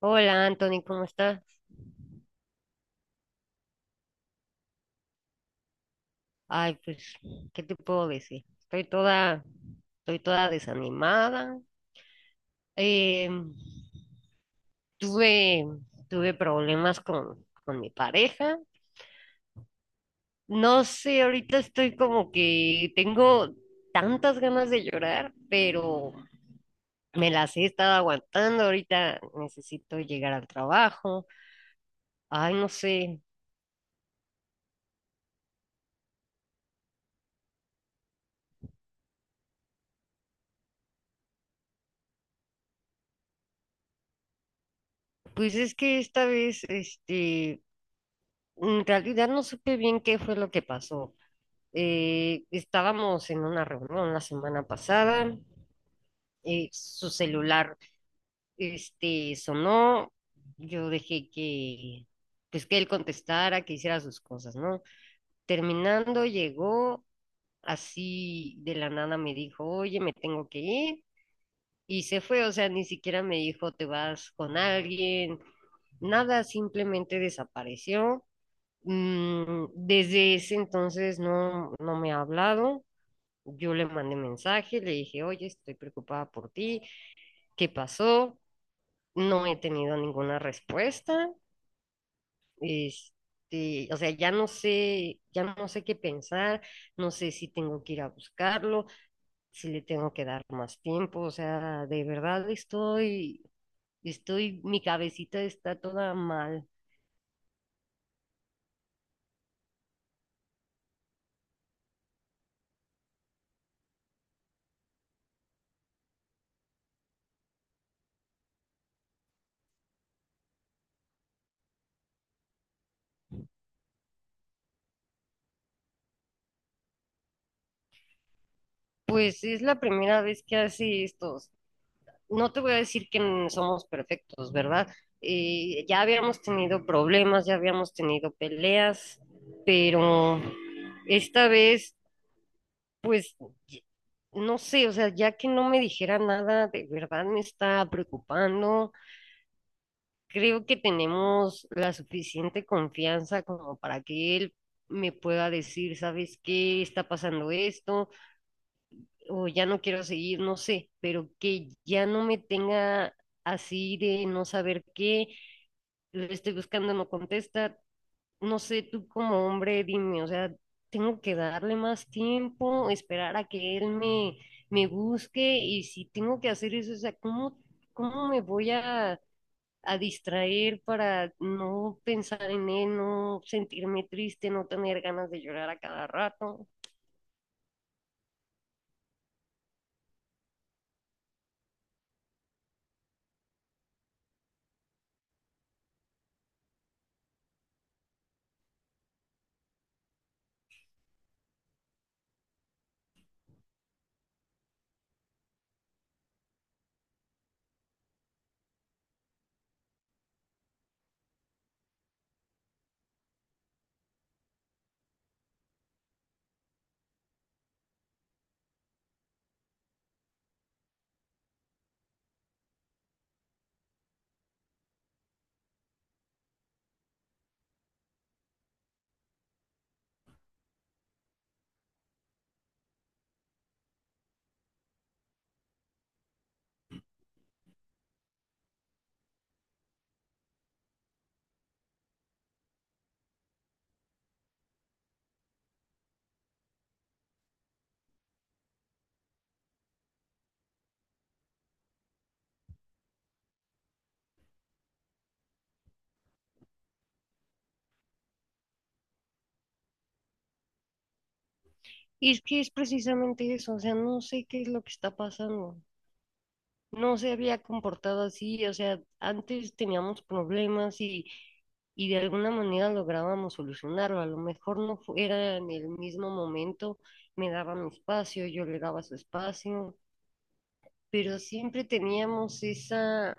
Hola, Anthony, ¿cómo estás? Ay, pues, ¿qué te puedo decir? Estoy toda desanimada. Eh, tuve, tuve problemas con mi pareja. No sé, ahorita estoy como que tengo tantas ganas de llorar, pero me las he estado aguantando. Ahorita necesito llegar al trabajo. Ay, no sé. Pues es que esta vez, este, en realidad no supe bien qué fue lo que pasó. Estábamos en una reunión la semana pasada, su celular este, sonó, yo dejé pues que él contestara, que hiciera sus cosas, ¿no? Terminando, llegó así de la nada, me dijo, oye, me tengo que ir, y se fue, o sea, ni siquiera me dijo, te vas con alguien, nada, simplemente desapareció. Desde ese entonces no me ha hablado. Yo le mandé mensaje, le dije, oye, estoy preocupada por ti, ¿qué pasó? No he tenido ninguna respuesta. Este, o sea, ya no sé qué pensar, no sé si tengo que ir a buscarlo, si le tengo que dar más tiempo, o sea, de verdad estoy, mi cabecita está toda mal. Pues es la primera vez que hace esto, no te voy a decir que somos perfectos, ¿verdad? Ya habíamos tenido problemas, ya habíamos tenido peleas, pero esta vez, pues, y- no sé, o sea, ya que no me dijera nada, de verdad me está preocupando. Creo que tenemos la suficiente confianza como para que él me pueda decir, ¿sabes qué? Está pasando esto, o ya no quiero seguir, no sé, pero que ya no me tenga así de no saber qué, le estoy buscando, no contesta, no sé, tú como hombre, dime, o sea, tengo que darle más tiempo, esperar a que él me busque y si tengo que hacer eso, o sea, ¿cómo me voy a distraer para no pensar en él, no sentirme triste, no tener ganas de llorar a cada rato? Y es que es precisamente eso, o sea, no sé qué es lo que está pasando. No se había comportado así, o sea, antes teníamos problemas y de alguna manera lográbamos solucionarlo. A lo mejor no fu- era en el mismo momento, me daba mi espacio, yo le daba su espacio, pero siempre teníamos esa,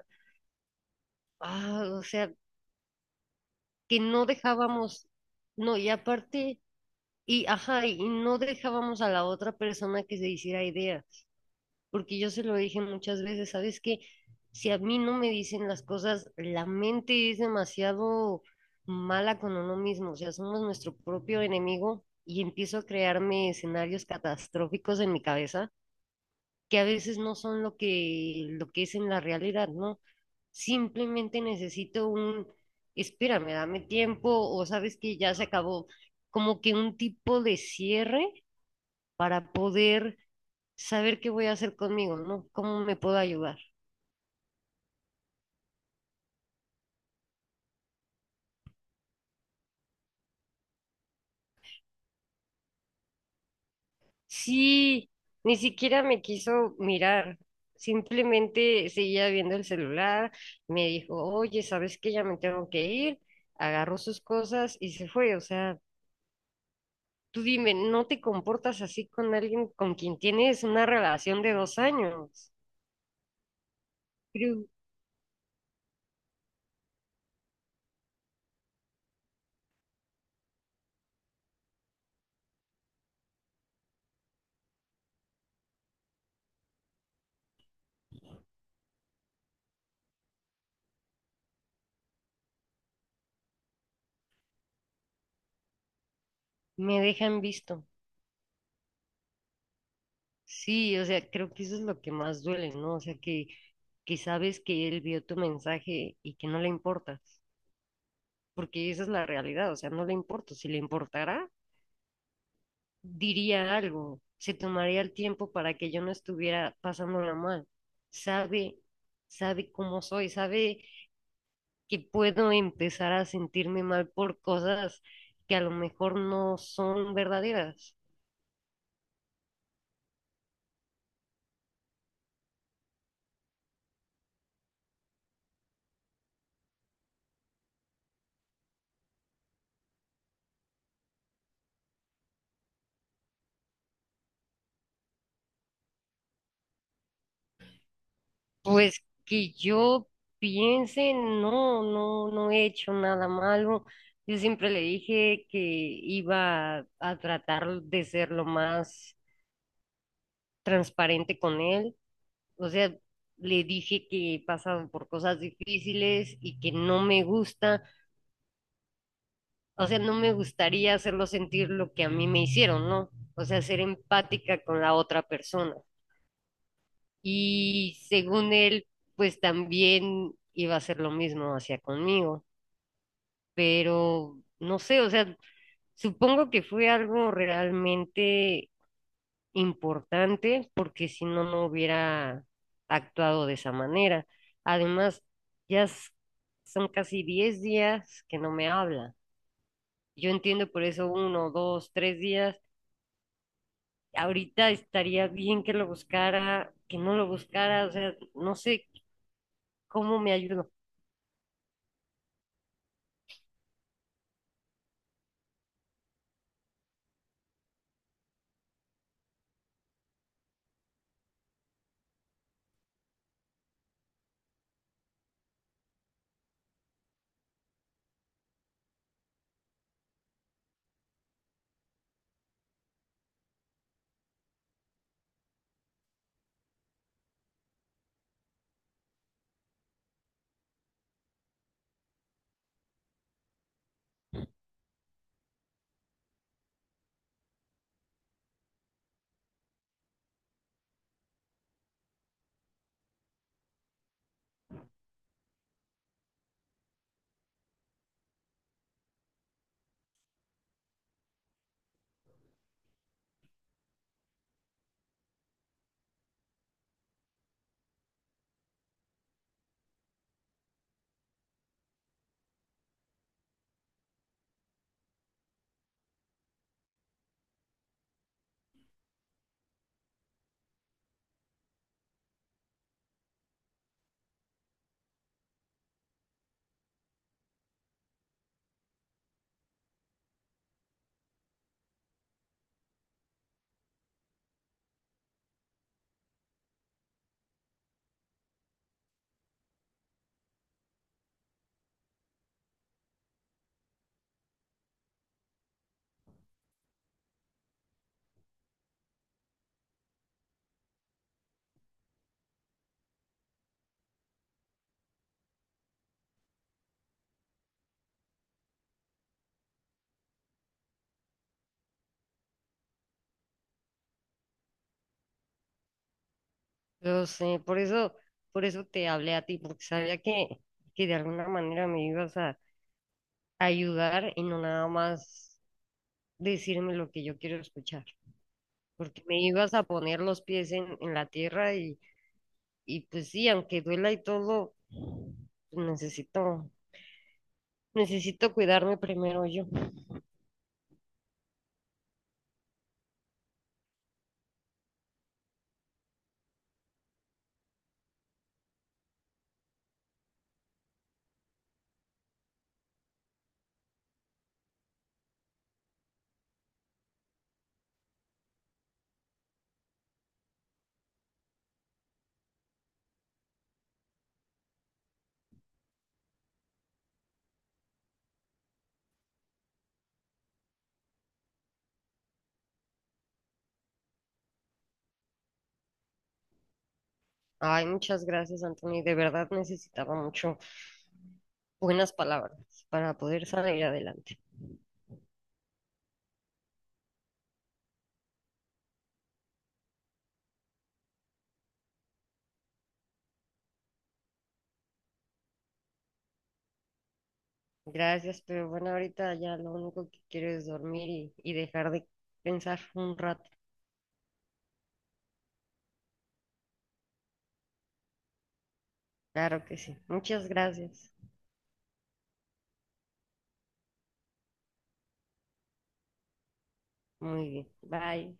ah, o sea, que no dejábamos, no, y aparte, y ajá, y no dejábamos a la otra persona que se hiciera idea. Porque yo se lo dije muchas veces, ¿sabes qué? Si a mí no me dicen las cosas, la mente es demasiado mala con uno mismo, o sea, somos nuestro propio enemigo y empiezo a crearme escenarios catastróficos en mi cabeza que a veces no son lo que es en la realidad, ¿no? Simplemente necesito un, espérame, dame tiempo o sabes que ya se acabó, como que un tipo de cierre para poder saber qué voy a hacer conmigo, ¿no? ¿Cómo me puedo ayudar? Sí, ni siquiera me quiso mirar, simplemente seguía viendo el celular, me dijo, oye, ¿sabes qué? Ya me tengo que ir, agarró sus cosas y se fue, o sea, tú dime, ¿no te comportas así con alguien con quien tienes una relación de 2 años? Creo, me dejan visto. Sí, o sea, creo que eso es lo que más duele, ¿no? O sea, que sabes que él vio tu mensaje y que no le importa. Porque esa es la realidad, o sea, no le importo. Si le importara, diría algo, se tomaría el tiempo para que yo no estuviera pasándola mal. Sabe, sabe cómo soy, sabe que puedo empezar a sentirme mal por cosas que a lo mejor no son verdaderas. Pues que yo piense, no, no he hecho nada malo. Yo siempre le dije que iba a tratar de ser lo más transparente con él. O sea, le dije que he pasado por cosas difíciles y que no me gusta, o sea, no me gustaría hacerlo sentir lo que a mí me hicieron, ¿no? O sea, ser empática con la otra persona. Y según él, pues también iba a hacer lo mismo hacia conmigo, pero no sé, o sea, supongo que fue algo realmente importante porque si no, no hubiera actuado de esa manera. Además, ya s- son casi 10 días que no me habla. Yo entiendo por eso uno, dos, tres días. Ahorita estaría bien que lo buscara, que no lo buscara, o sea, no sé cómo me ayudo. Lo sé, por eso te hablé a ti, porque sabía que de alguna manera me ibas a ayudar y no nada más decirme lo que yo quiero escuchar. Porque me ibas a poner los pies en la tierra y pues sí, aunque duela y todo, necesito, necesito cuidarme primero yo. Ay, muchas gracias, Anthony. De verdad necesitaba mucho buenas palabras para poder salir adelante. Gracias, pero bueno, ahorita ya lo único que quiero es dormir y dejar de pensar un rato. Claro que sí. Muchas gracias. Muy bien. Bye.